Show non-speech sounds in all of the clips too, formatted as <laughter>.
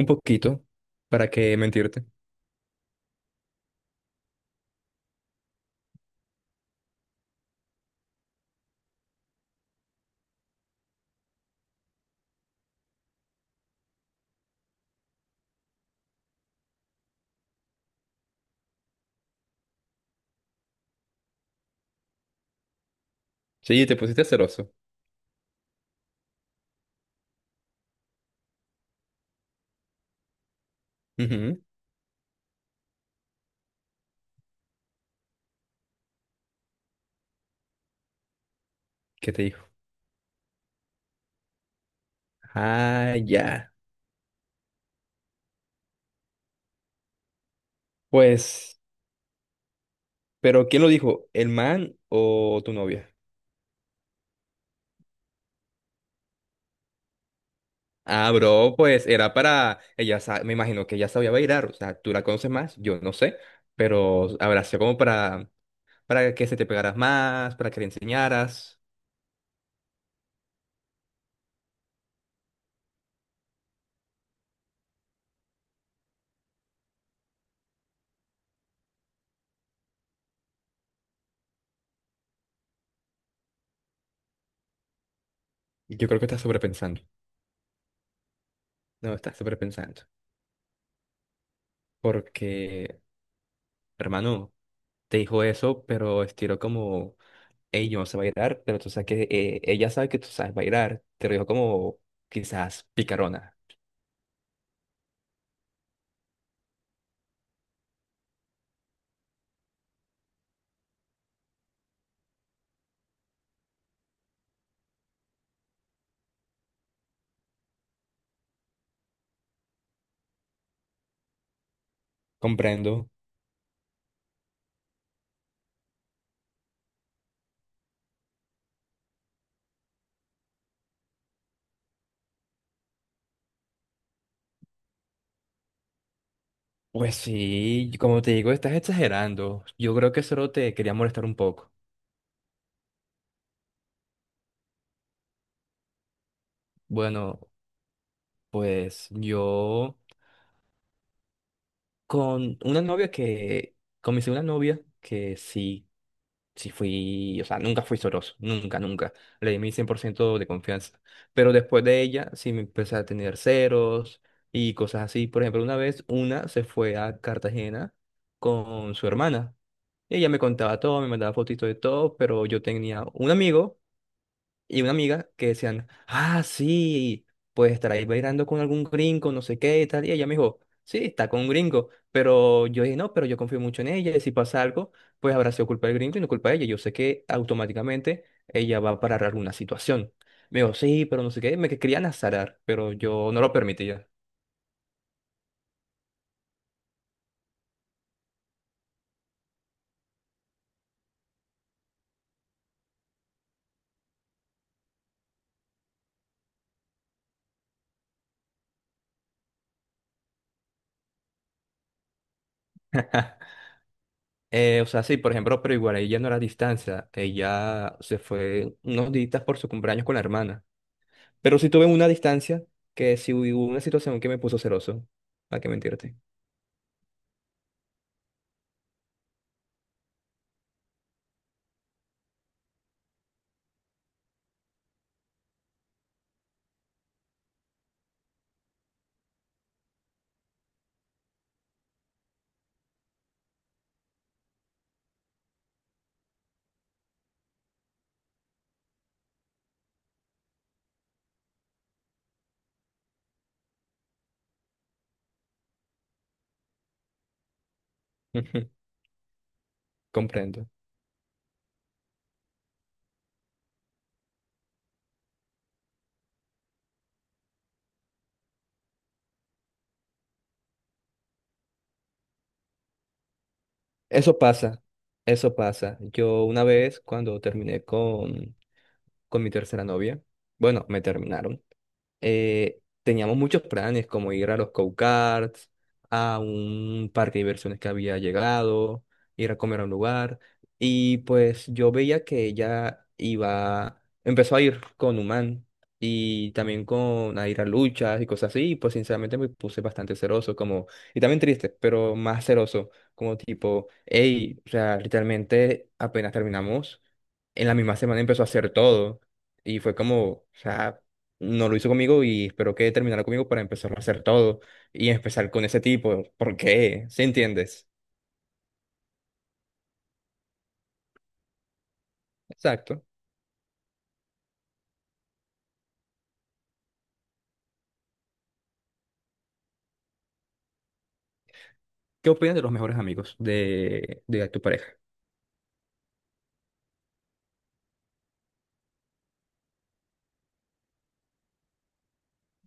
Un poquito, para que mentirte. Sí, te pusiste celoso. Ujú. ¿Qué te dijo? Ah, ya. Pues, ¿pero quién lo dijo? ¿El man o tu novia? Ah, bro, pues era para... Me imagino que ella sabía bailar, o sea, tú la conoces más, yo no sé, pero habrá sido como para que se te pegaras más, para que le enseñaras. Yo creo que estás sobrepensando. No, estás sobrepensando. Porque, hermano, te dijo eso, pero estilo como... Hey, yo no sé bailar, pero tú sabes que ella sabe que tú sabes bailar. Te lo dijo como quizás picarona. Comprendo. Pues sí, como te digo, estás exagerando. Yo creo que solo te quería molestar un poco. Bueno, pues yo con una novia que, con mi segunda novia, que sí. Sí fui, o sea, nunca fui soroso, nunca, nunca. Le di mi 100% de confianza. Pero después de ella, sí me empecé a tener ceros y cosas así. Por ejemplo, una vez una se fue a Cartagena con su hermana. Y ella me contaba todo, me mandaba fotitos de todo, pero yo tenía un amigo y una amiga que decían, ah, sí, pues estará ahí bailando con algún gringo, no sé qué y tal. Y ella me dijo, sí, está con un gringo. Pero yo dije, no, pero yo confío mucho en ella. Y si pasa algo, pues habrá sido culpa del gringo y no culpa de ella. Yo sé que automáticamente ella va a parar alguna situación. Me dijo, sí, pero no sé qué. Querían azarar, pero yo no lo permitía. <laughs> O sea, sí, por ejemplo, pero igual ella no era a distancia. Ella se fue unos días por su cumpleaños con la hermana. Pero sí tuve una distancia que sí hubo una situación que me puso celoso. ¿Para qué mentirte? <laughs> Ujú. Comprendo. Eso pasa, eso pasa. Yo una vez cuando con mi tercera novia, bueno, me terminaron. Teníamos muchos planes, como ir a los go-karts, a un parque de diversiones que había llegado, ir a comer a un lugar. Y pues yo veía que ella iba, empezó a ir con Human y también con a ir a luchas y cosas así. Y pues sinceramente me puse bastante celoso, como, y también triste, pero más celoso, como tipo, hey, o sea, literalmente apenas terminamos, en la misma semana empezó a hacer todo. Y fue como, o sea, no lo hizo conmigo y espero que terminara conmigo para empezarlo a hacer todo y empezar con ese tipo. ¿Por qué? ¿Sí entiendes? Exacto. ¿Qué opinas de los mejores amigos de tu pareja?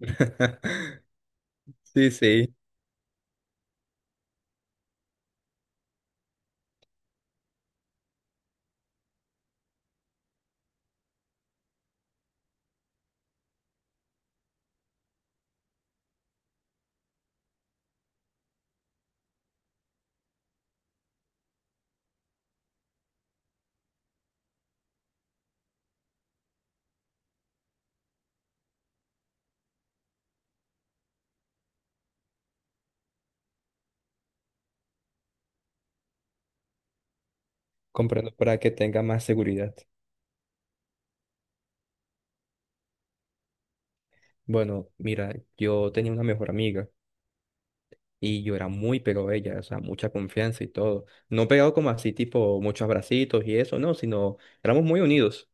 <laughs> Sí, sí, comprendo para que tenga más seguridad. Bueno, mira, yo tenía una mejor amiga y yo era muy pegado a ella, o sea, mucha confianza y todo. No pegado como así, tipo muchos abracitos y eso, no, sino éramos muy unidos.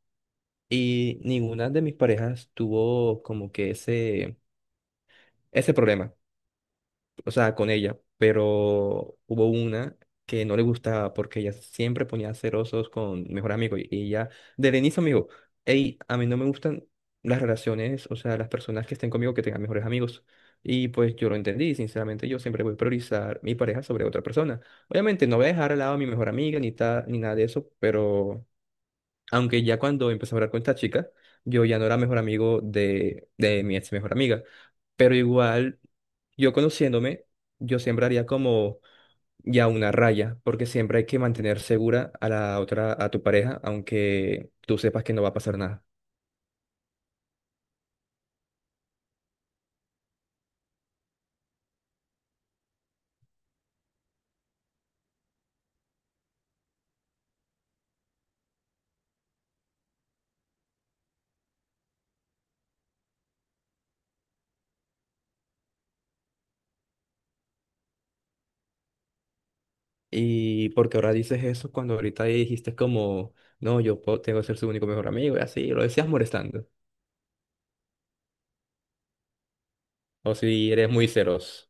Y ninguna de mis parejas tuvo como que ese problema. O sea, con ella, pero hubo una que no le gustaba porque ella siempre ponía cerosos con mejor amigo y ella, desde el inicio me dijo, hey, a mí no me gustan las relaciones, o sea, las personas que estén conmigo que tengan mejores amigos. Y pues yo lo entendí, sinceramente yo siempre voy a priorizar mi pareja sobre otra persona. Obviamente no voy a dejar al lado a mi mejor amiga ni nada de eso, pero aunque ya cuando empecé a hablar con esta chica, yo ya no era mejor amigo de mi ex mejor amiga. Pero igual, yo conociéndome, yo siempre haría como ya una raya, porque siempre hay que mantener segura a la otra, a tu pareja, aunque tú sepas que no va a pasar nada. Y porque ahora dices eso cuando ahorita dijiste como, no, tengo que ser su único mejor amigo, y así, lo decías molestando. O si eres muy celoso.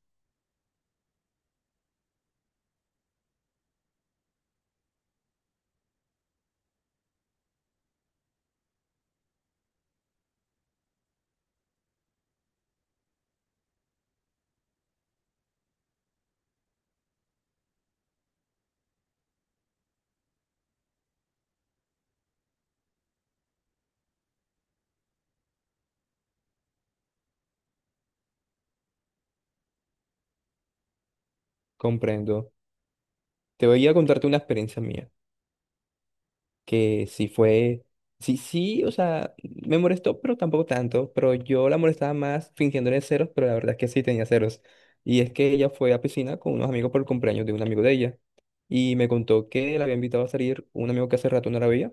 Comprendo. Te voy a contarte una experiencia mía. Que sí fue, sí, sí, o sea, me molestó, pero tampoco tanto, pero yo la molestaba más fingiéndole ceros, pero la verdad es que sí tenía ceros. Y es que ella fue a piscina con unos amigos por el cumpleaños de un amigo de ella, y me contó que la había invitado a salir un amigo que hace rato no la veía,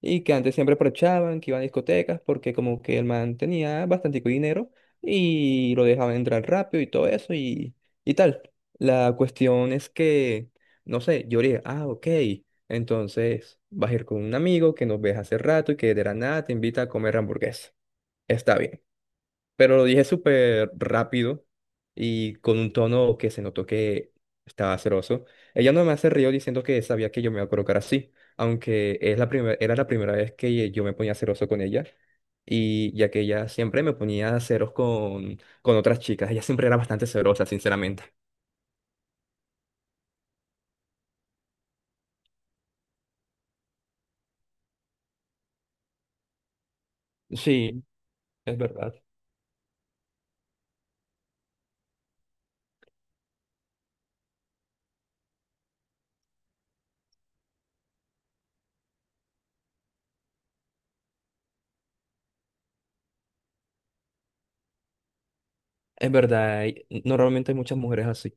y que antes siempre aprovechaban, que iban a discotecas, porque como que el man tenía bastante dinero y lo dejaban entrar rápido y todo eso y tal. La cuestión es que, no sé, yo dije, ah, ok, entonces vas a ir con un amigo que nos ves hace rato y que de la nada te invita a comer hamburguesa. Está bien. Pero lo dije súper rápido y con un tono que se notó que estaba celoso. Ella no me hace río diciendo que sabía que yo me iba a colocar así, aunque es era la primera vez que yo me ponía celoso con ella. Y ya que ella siempre me ponía celos con otras chicas, ella siempre era bastante celosa, sinceramente. Sí, es verdad. Es verdad, y normalmente hay muchas mujeres así.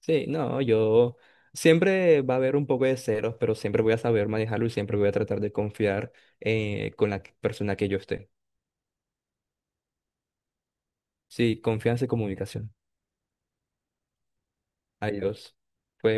Sí, no, yo siempre va a haber un poco de ceros, pero siempre voy a saber manejarlo y siempre voy a tratar de confiar con la persona que yo esté. Sí, confianza y comunicación. Adiós. Fue